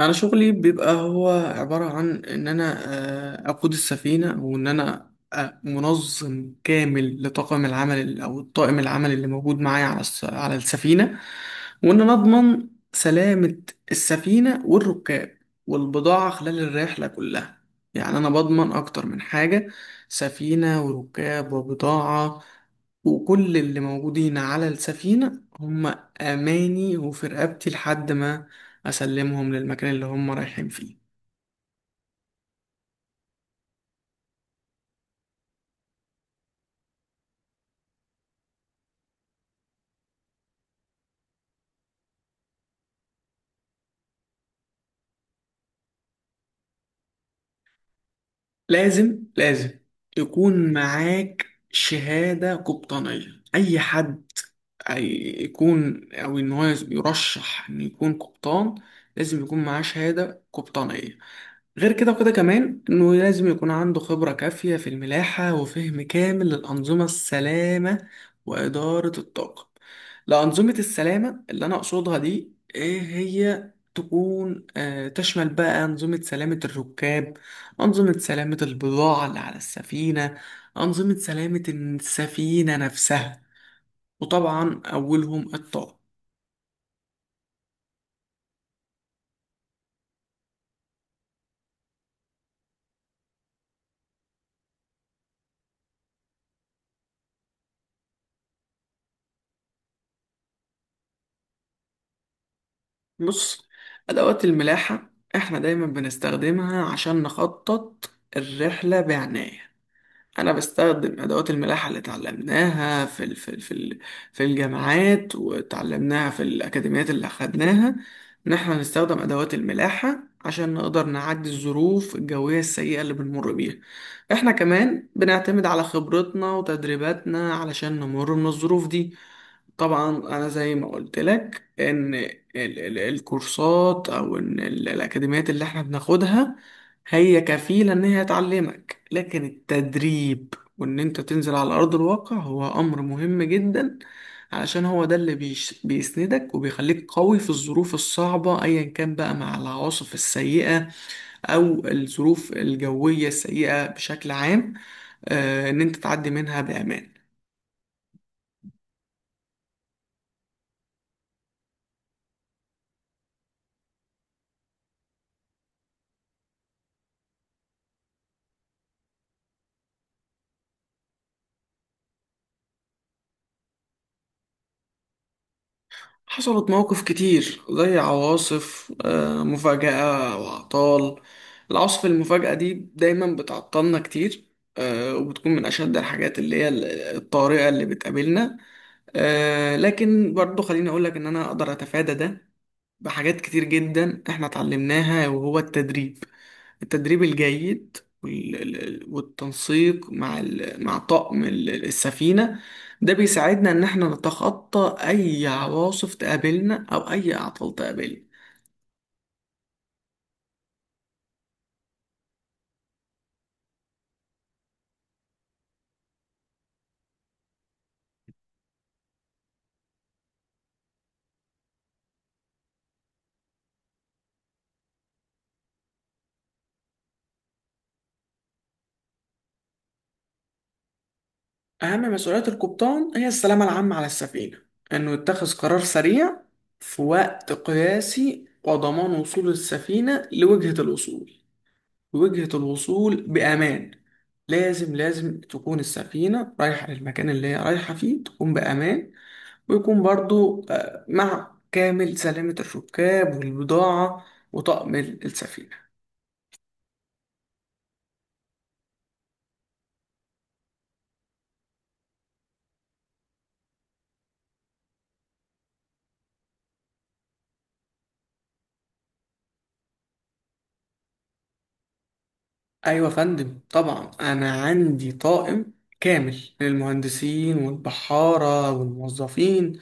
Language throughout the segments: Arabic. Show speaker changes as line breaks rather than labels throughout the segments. انا شغلي بيبقى هو عبارة عن ان انا اقود السفينة، وان انا منظم كامل لطاقم العمل او الطاقم العمل اللي موجود معايا على على السفينة، وان انا اضمن سلامة السفينة والركاب والبضاعة خلال الرحلة كلها. يعني انا بضمن اكتر من حاجة: سفينة وركاب وبضاعة، وكل اللي موجودين على السفينة هم اماني وفي رقبتي لحد ما اسلمهم للمكان اللي هم رايحين فيه. لازم يكون معاك شهادة قبطانية، اي حد أي- يكون او ان هو يرشح ان يكون قبطان لازم يكون معاه شهادة قبطانية. غير كده وكده كمان انه لازم يكون عنده خبرة كافية في الملاحة وفهم كامل للأنظمة السلامة وإدارة الطاقم. لأنظمة السلامة اللي أنا أقصدها دي إيه هي تكون تشمل بقى أنظمة سلامة الركاب، أنظمة سلامة البضاعة اللي على السفينة، أنظمة سلامة السفينة نفسها، وطبعا أولهم الطاقم. بص، أدوات الملاحة إحنا دايما بنستخدمها عشان نخطط الرحلة بعناية. أنا بستخدم أدوات الملاحة اللي اتعلمناها في الجامعات، واتعلمناها في الأكاديميات اللي أخدناها، إن إحنا نستخدم أدوات الملاحة عشان نقدر نعدي الظروف الجوية السيئة اللي بنمر بيها. إحنا كمان بنعتمد على خبرتنا وتدريباتنا علشان نمر من الظروف دي. طبعا انا زي ما قلت لك ان الكورسات او ان الاكاديميات اللي احنا بناخدها هي كفيلة ان هي تعلمك، لكن التدريب وان انت تنزل على ارض الواقع هو امر مهم جدا، علشان هو ده اللي بيسندك وبيخليك قوي في الظروف الصعبة ايا كان بقى مع العواصف السيئة او الظروف الجوية السيئة بشكل عام، ان انت تعدي منها بامان. حصلت مواقف كتير زي عواصف مفاجأة وأعطال، العواصف المفاجأة دي دايما بتعطلنا كتير، وبتكون من أشد الحاجات اللي هي الطارئة اللي بتقابلنا. لكن برضو خليني أقولك إن أنا أقدر أتفادى ده بحاجات كتير جدا إحنا اتعلمناها، وهو التدريب، التدريب الجيد، وال- ال- والتنسيق مع مع طاقم السفينة، ده بيساعدنا إن إحنا نتخطى أي عواصف تقابلنا أو أي أعطال تقابلنا. أهم مسؤوليات القبطان هي السلامة العامة على السفينة، إنه يتخذ قرار سريع في وقت قياسي وضمان وصول السفينة لوجهة الوصول، وجهة الوصول بأمان. لازم تكون السفينة رايحة للمكان اللي هي رايحة فيه تكون بأمان، ويكون برضو مع كامل سلامة الركاب والبضاعة وطقم السفينة. أيوة يا فندم، طبعا أنا عندي طاقم كامل للمهندسين والبحارة والموظفين،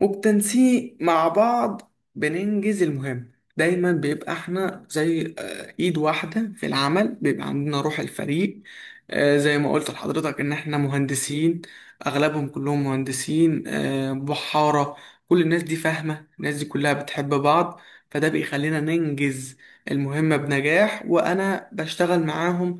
وبتنسيق مع بعض بننجز المهمة. دايما بيبقى احنا زي ايد واحدة في العمل، بيبقى عندنا روح الفريق. زي ما قلت لحضرتك ان احنا مهندسين، اغلبهم كلهم مهندسين، بحارة، كل الناس دي فاهمة، الناس دي كلها بتحب بعض، فده بيخلينا ننجز المهمة بنجاح. وانا بشتغل معاهم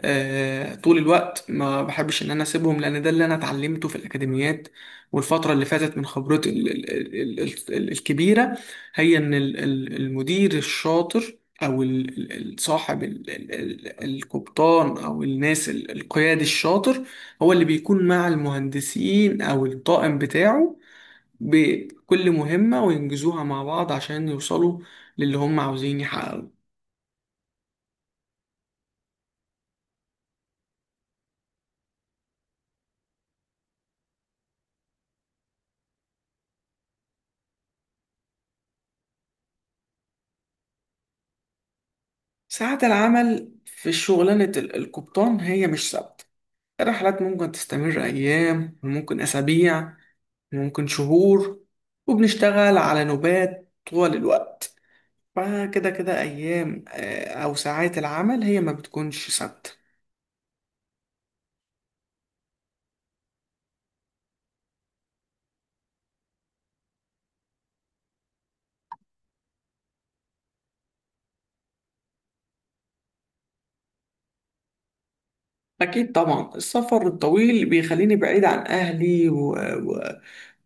طول الوقت، ما بحبش ان انا اسيبهم لان ده اللي انا اتعلمته في الاكاديميات والفتره اللي فاتت من خبرتي الكبيره، هي ان المدير الشاطر او صاحب القبطان او الناس القيادي الشاطر هو اللي بيكون مع المهندسين او الطاقم بتاعه بكل مهمة وينجزوها مع بعض عشان يوصلوا للي هم عاوزين يحققوه. ساعات العمل في شغلانة القبطان هي مش ثابتة، الرحلات ممكن تستمر أيام وممكن أسابيع وممكن شهور، وبنشتغل على نوبات طوال الوقت، فكده كده أيام أو ساعات العمل هي ما بتكونش ثابتة. أكيد طبعا السفر الطويل بيخليني بعيد عن أهلي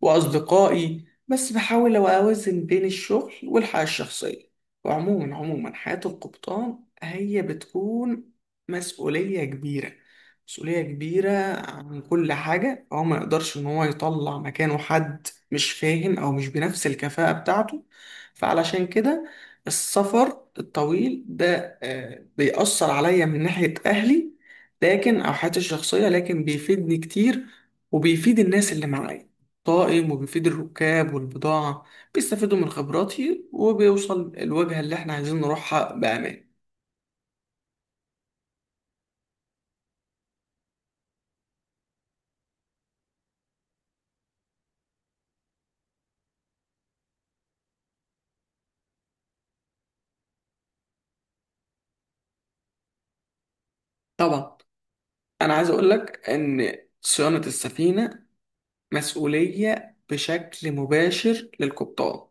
وأصدقائي، بس بحاول أوازن بين الشغل والحياة الشخصية. وعموما حياة القبطان هي بتكون مسؤولية كبيرة، مسؤولية كبيرة عن كل حاجة، هو ما يقدرش إن هو يطلع مكانه حد مش فاهم أو مش بنفس الكفاءة بتاعته. فعلشان كده، السفر الطويل ده بيأثر عليا من ناحية أهلي، لكن او حياتي الشخصيه، لكن بيفيدني كتير، وبيفيد الناس اللي معايا، طائم، وبيفيد الركاب والبضاعه، بيستفيدوا من خبراتي، وبيوصل الوجهه اللي احنا عايزين نروحها بامان. طبعا انا عايز اقول لك ان صيانه السفينه مسؤولية بشكل مباشر للقبطان،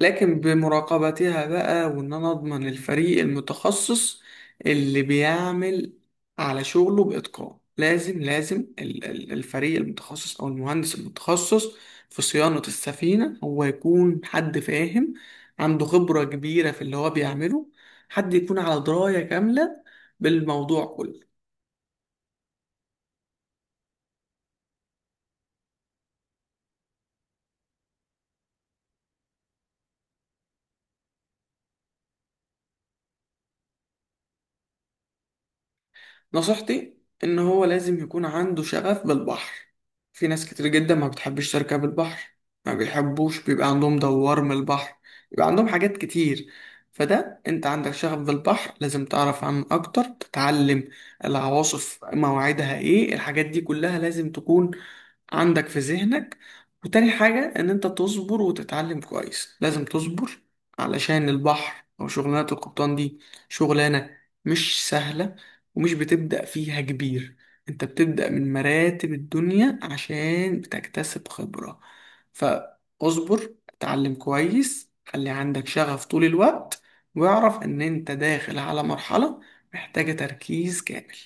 لكن بمراقبتها بقى وإن أنا أضمن الفريق المتخصص اللي بيعمل على شغله بإتقان. لازم الفريق المتخصص أو المهندس المتخصص في صيانة السفينة هو يكون حد فاهم، عنده خبرة كبيرة في اللي هو بيعمله، حد يكون على دراية كاملة بالموضوع كله. نصيحتي ان هو لازم يكون عنده شغف بالبحر، في ناس كتير جدا ما بتحبش تركب البحر، ما بيحبوش، بيبقى عندهم دوار من البحر، بيبقى عندهم حاجات كتير. فده انت عندك شغف بالبحر، لازم تعرف عنه اكتر، تتعلم العواصف مواعيدها ايه، الحاجات دي كلها لازم تكون عندك في ذهنك. وتاني حاجة ان انت تصبر وتتعلم كويس، لازم تصبر علشان البحر او شغلانة القبطان دي شغلانة مش سهلة، ومش بتبدأ فيها كبير، انت بتبدأ من مراتب الدنيا عشان بتكتسب خبرة. فاصبر، اتعلم كويس، خلي عندك شغف طول الوقت، واعرف ان انت داخل على مرحلة محتاجة تركيز كامل.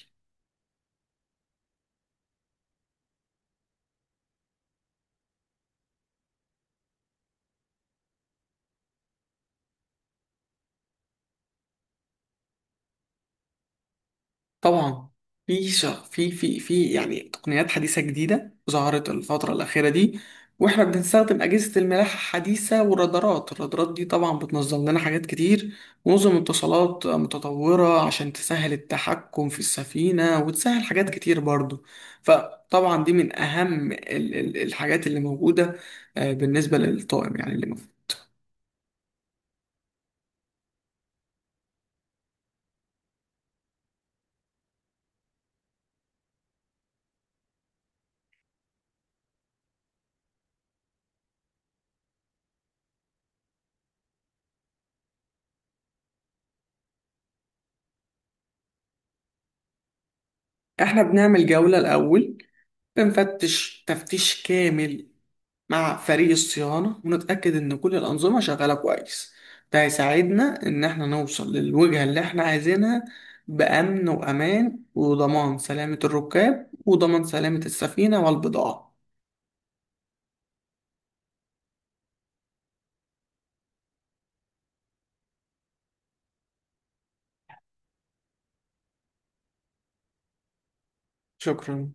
طبعا في يعني تقنيات حديثة جديدة ظهرت الفترة الأخيرة دي، واحنا بنستخدم أجهزة الملاحة الحديثة والرادارات، الرادارات دي طبعا بتنظم لنا حاجات كتير، ونظم اتصالات متطورة عشان تسهل التحكم في السفينة وتسهل حاجات كتير برضو. فطبعا دي من أهم الحاجات اللي موجودة بالنسبة للطاقم يعني اللي موجود. احنا بنعمل جولة الأول، بنفتش تفتيش كامل مع فريق الصيانة ونتأكد إن كل الأنظمة شغالة كويس، ده هيساعدنا إن إحنا نوصل للوجهة اللي إحنا عايزينها بأمن وأمان، وضمان سلامة الركاب وضمان سلامة السفينة والبضاعة. شكرا.